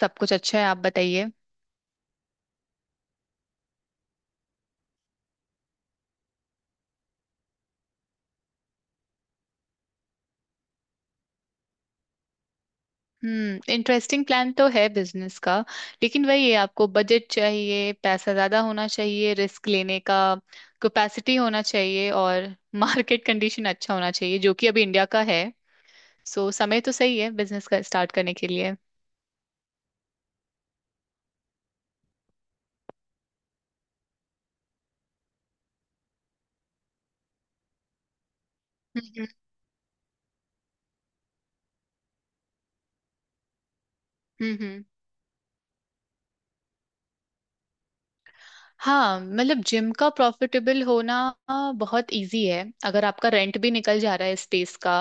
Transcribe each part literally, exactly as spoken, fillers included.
सब कुछ अच्छा है। आप बताइए। हम्म इंटरेस्टिंग प्लान तो है बिजनेस का। लेकिन वही है, आपको बजट चाहिए, पैसा ज्यादा होना चाहिए, रिस्क लेने का कैपेसिटी होना चाहिए, और मार्केट कंडीशन अच्छा होना चाहिए जो कि अभी इंडिया का है। सो समय तो सही है बिजनेस का स्टार्ट करने के लिए। हम्म। हम्म। हम्म। हाँ, मतलब जिम का प्रॉफिटेबल होना आ, बहुत इजी है अगर आपका रेंट भी निकल जा रहा है स्पेस का,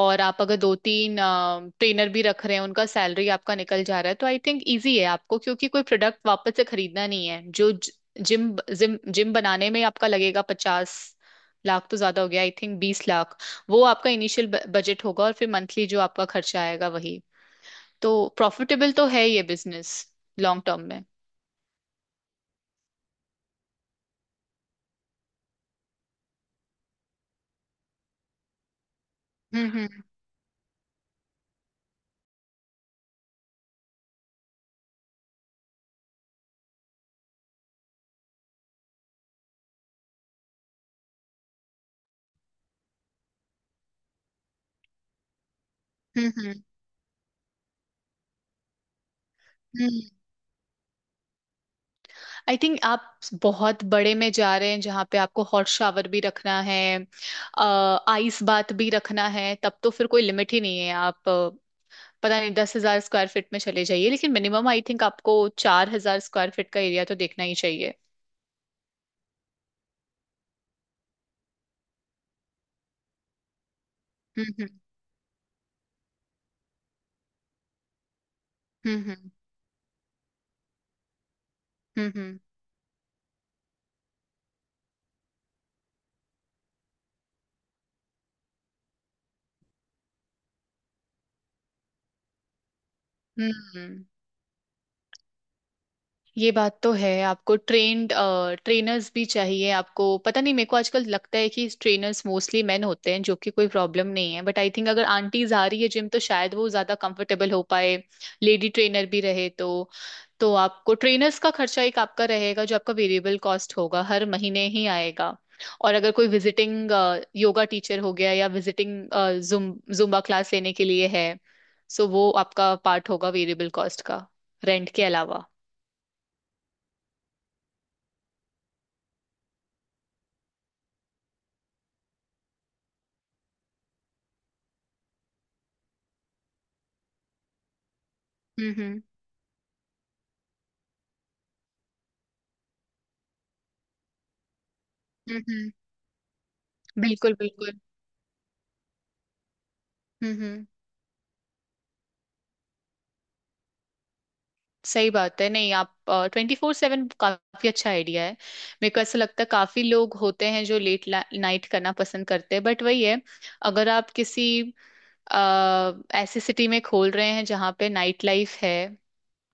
और आप अगर दो तीन ट्रेनर भी रख रहे हैं उनका सैलरी आपका निकल जा रहा है, तो आई थिंक इजी है आपको, क्योंकि कोई प्रोडक्ट वापस से खरीदना नहीं है जो जिम जिम जिम बनाने में आपका लगेगा। पचास लाख तो ज्यादा हो गया, आई थिंक बीस लाख। वो आपका इनिशियल बजट होगा, और फिर मंथली जो आपका खर्चा आएगा वही। तो प्रॉफिटेबल तो है ये बिजनेस, लॉन्ग टर्म में। हम्म। हम्म। हम्म। हम्म आई थिंक आप बहुत बड़े में जा रहे हैं, जहाँ पे आपको हॉट शावर भी रखना है, आइस बात भी रखना है, तब तो फिर कोई लिमिट ही नहीं है। आप अ, पता नहीं दस हजार स्क्वायर फीट में चले जाइए, लेकिन मिनिमम आई थिंक आपको चार हजार स्क्वायर फीट का एरिया तो देखना ही चाहिए। हम्म। हम्म। हम्म। हम्म। हम्म। हम्म। हम्म, ये बात तो है, आपको ट्रेन्ड ट्रेनर्स भी चाहिए। आपको पता नहीं, मेरे को आजकल लगता है कि ट्रेनर्स मोस्टली मेन होते हैं, जो कि कोई प्रॉब्लम नहीं है, बट आई थिंक अगर आंटीज आ रही है जिम तो शायद वो ज्यादा कंफर्टेबल हो पाए लेडी ट्रेनर भी रहे तो। तो आपको ट्रेनर्स का खर्चा एक आपका रहेगा, जो आपका वेरिएबल कॉस्ट होगा, हर महीने ही आएगा। और अगर कोई विजिटिंग योगा टीचर हो गया, या विजिटिंग जुम जुम्बा क्लास लेने के लिए है, सो वो आपका पार्ट होगा वेरिएबल कॉस्ट का, रेंट के अलावा। हम्म। हम्म। बिल्कुल, बिल्कुल। हम्म। हम्म सही बात है, नहीं आप, ट्वेंटी फोर सेवन काफी अच्छा आइडिया है। मेरे को ऐसा लगता है काफी लोग होते हैं जो लेट नाइट करना पसंद करते हैं, बट वही है, अगर आप किसी आ, ऐसी सिटी में खोल रहे हैं जहाँ पे नाइट लाइफ है,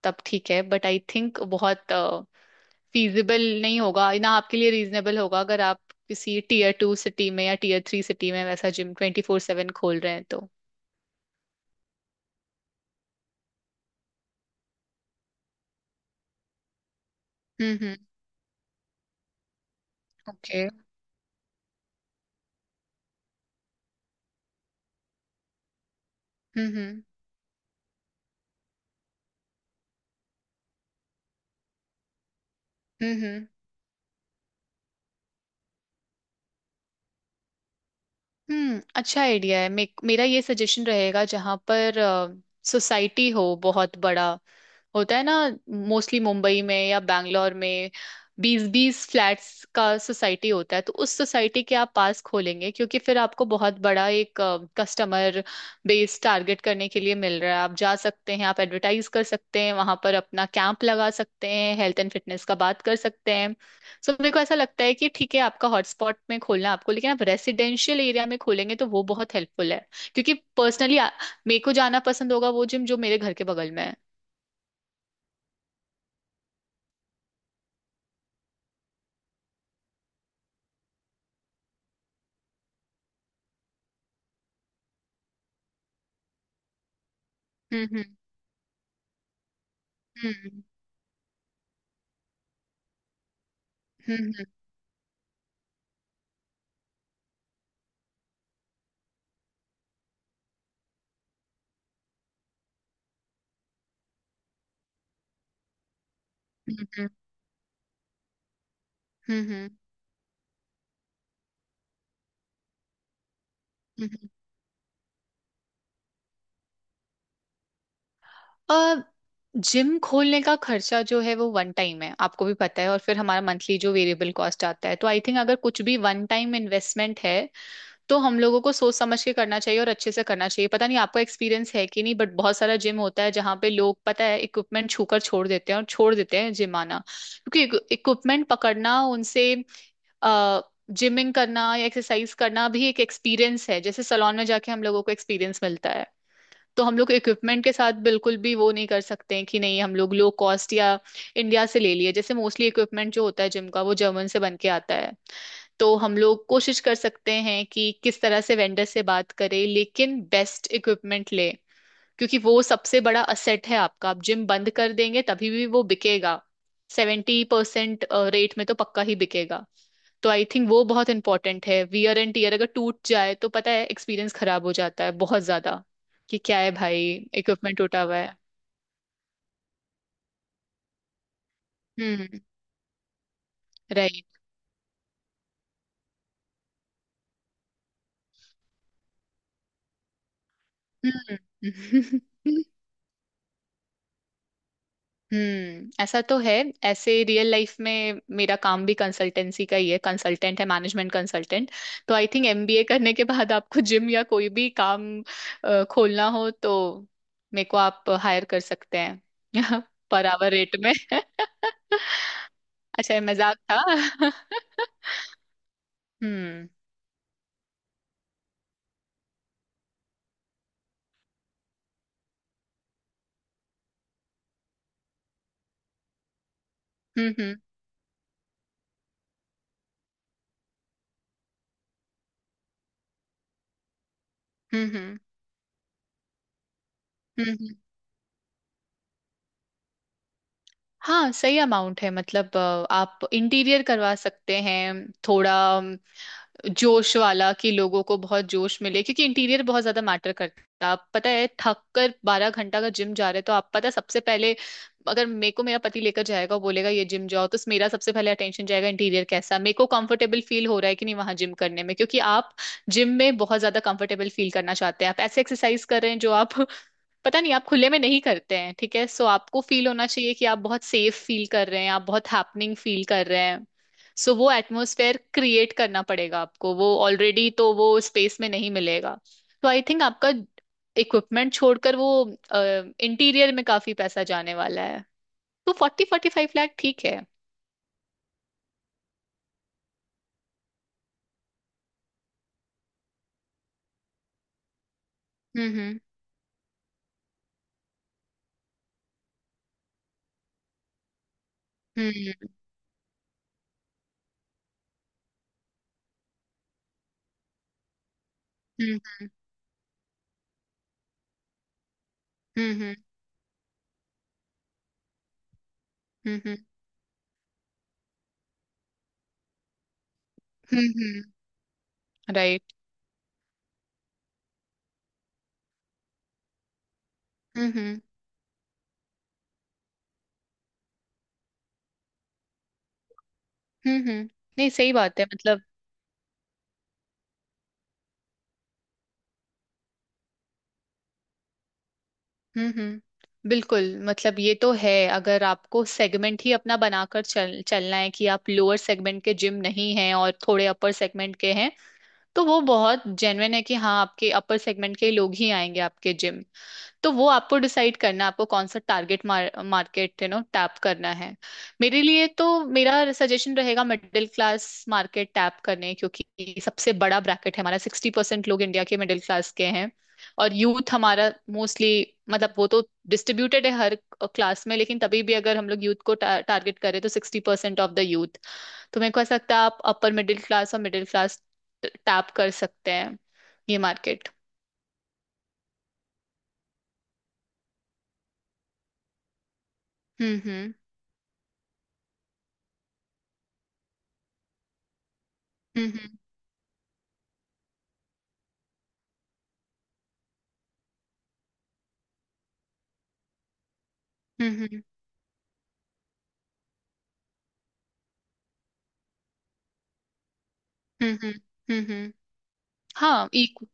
तब ठीक है, बट आई थिंक बहुत फीजिबल नहीं होगा ना आपके लिए, रीजनेबल होगा अगर आप किसी टीयर टू सिटी में या टीयर थ्री सिटी में वैसा जिम ट्वेंटी फोर सेवन खोल रहे हैं तो। हम्म। हम्म। ओके। हम्म। हम्म। हम्म। हम्म। हम्म अच्छा आइडिया है। मे, मेरा ये सजेशन रहेगा, जहाँ पर सोसाइटी हो बहुत बड़ा, होता है ना मोस्टली मुंबई में या बैंगलोर में, बीस बीस फ्लैट्स का सोसाइटी, होता है तो उस सोसाइटी के आप पास खोलेंगे, क्योंकि फिर आपको बहुत बड़ा एक कस्टमर बेस टारगेट करने के लिए मिल रहा है। आप जा सकते हैं, आप एडवर्टाइज कर सकते हैं वहां पर, अपना कैंप लगा सकते हैं, हेल्थ एंड फिटनेस का बात कर सकते हैं। सो मेरे को ऐसा लगता है कि ठीक है आपका हॉटस्पॉट में खोलना है आपको, लेकिन आप रेसिडेंशियल एरिया में खोलेंगे तो वो बहुत हेल्पफुल है, क्योंकि पर्सनली मेरे को जाना पसंद होगा वो जिम जो मेरे घर के बगल में है। हम्म। हम्म। हम्म। हम्म। हम्म। हम्म। हम्म। हम्म। अ, जिम खोलने का खर्चा जो है वो वन टाइम है, आपको भी पता है, और फिर हमारा मंथली जो वेरिएबल कॉस्ट आता है। तो आई थिंक अगर कुछ भी वन टाइम इन्वेस्टमेंट है तो हम लोगों को सोच समझ के करना चाहिए, और अच्छे से करना चाहिए। पता नहीं आपका एक्सपीरियंस है कि नहीं, बट बहुत सारा जिम होता है जहाँ पे लोग, पता है, इक्विपमेंट छूकर छोड़ देते हैं, और छोड़ देते हैं जिम आना, क्योंकि इक्विपमेंट पकड़ना उनसे अ जिमिंग करना या एक्सरसाइज करना भी एक एक्सपीरियंस है, जैसे सलोन में जाके हम लोगों को एक्सपीरियंस मिलता है। तो हम लोग इक्विपमेंट के साथ बिल्कुल भी वो नहीं कर सकते हैं कि नहीं हम लोग लो कॉस्ट या इंडिया से ले लिए, जैसे मोस्टली इक्विपमेंट जो होता है जिम का वो जर्मन से बन के आता है। तो हम लोग कोशिश कर सकते हैं कि किस तरह से वेंडर से बात करें, लेकिन बेस्ट इक्विपमेंट ले, क्योंकि वो सबसे बड़ा असेट है आपका, आप जिम बंद कर देंगे तभी भी वो बिकेगा, सेवेंटी परसेंट रेट में तो पक्का ही बिकेगा। तो आई थिंक वो बहुत इंपॉर्टेंट है, वियर एंड टीयर अगर टूट जाए तो पता है एक्सपीरियंस खराब हो जाता है बहुत ज्यादा, कि क्या है भाई, इक्विपमेंट टूटा हुआ है। हम्म। राइट। हम्म। हम्म ऐसा तो है, ऐसे रियल लाइफ में मेरा काम भी कंसल्टेंसी का ही है, कंसल्टेंट है, मैनेजमेंट कंसल्टेंट। तो आई थिंक एमबीए करने के बाद आपको जिम या कोई भी काम अ, खोलना हो तो मेरे को आप हायर कर सकते हैं पर आवर रेट में अच्छा ये मजाक था हम्म। हम्म। हम्म। हम्म। हम्म। हम्म। हम्म। हाँ, सही अमाउंट है, मतलब अ, आप इंटीरियर करवा सकते हैं थोड़ा जोश वाला, कि लोगों को बहुत जोश मिले, क्योंकि इंटीरियर बहुत ज्यादा मैटर करता है। आप पता है, थक कर बारह घंटा का, जिम जा रहे हो तो आप, पता है, सबसे पहले अगर मेरे को मेरा पति लेकर जाएगा और बोलेगा ये जिम जाओ तो मेरा सबसे पहले अटेंशन जाएगा इंटीरियर कैसा, मेरे को कंफर्टेबल फील हो रहा है कि नहीं वहां जिम करने में, क्योंकि आप जिम में बहुत ज्यादा कंफर्टेबल फील करना चाहते हैं, आप ऐसे एक्सरसाइज कर रहे हैं जो आप पता नहीं आप खुले में नहीं करते हैं, ठीक है। सो आपको फील होना चाहिए कि आप बहुत सेफ फील कर रहे हैं, आप बहुत हैपनिंग फील कर रहे हैं। सो वो एटमॉस्फेयर क्रिएट करना पड़ेगा आपको, वो ऑलरेडी तो वो स्पेस में नहीं मिलेगा। तो आई थिंक आपका इक्विपमेंट छोड़कर वो इंटीरियर में काफी पैसा जाने वाला है। तो फोर्टी फोर्टी फाइव लाख ठीक है। हम्म। हम्म। हम्म। हम्म। राइट। हम्म। हम्म। हम्म। हम्म। हम्म। right। हम्म। हम्म। हम्म। हम्म। नहीं, सही बात है, मतलब। हम्म। हम्म बिल्कुल, मतलब ये तो है, अगर आपको सेगमेंट ही अपना बनाकर चल चलना है कि आप लोअर सेगमेंट के जिम नहीं हैं और थोड़े अपर सेगमेंट के हैं, तो वो बहुत जेन्युइन है कि हाँ आपके अपर सेगमेंट के लोग ही आएंगे आपके जिम। तो वो आपको डिसाइड करना है आपको कौन सा target market, you know, tap करना है। मेरे लिए तो, मेरा सजेशन रहेगा मिडिल क्लास मार्केट टैप करने, क्योंकि सबसे बड़ा ब्रैकेट है हमारा, सिक्सटी परसेंट लोग इंडिया के मिडिल क्लास के हैं। और यूथ हमारा मोस्टली, मतलब वो तो डिस्ट्रीब्यूटेड है हर क्लास में, लेकिन तभी भी अगर हम लोग यूथ को टारगेट करें तो sixty percent of the youth. तो मेरे को ऐसा लगता है आप अपर मिडिल क्लास और मिडिल क्लास टैप कर सकते हैं ये मार्केट। हम्म। हम्म। हम्म। हम्म। हम्म। हम्म। हम्म। हम्म। हम्म। हाँ, इक्व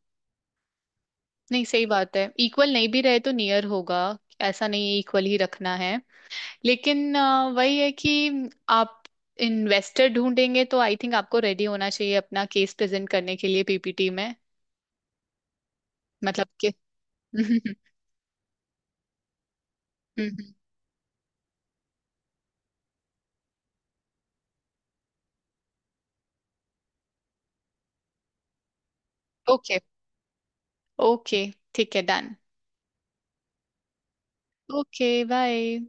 नहीं, सही बात है, इक्वल नहीं भी रहे तो नियर होगा, ऐसा नहीं है इक्वल ही रखना है। लेकिन अ, वही है कि आप इन्वेस्टर ढूंढेंगे तो आई थिंक आपको रेडी होना चाहिए अपना केस प्रेजेंट करने के लिए पीपीटी में। मतलब कि ओके। ओके। ठीक है, डन। Okay, bye.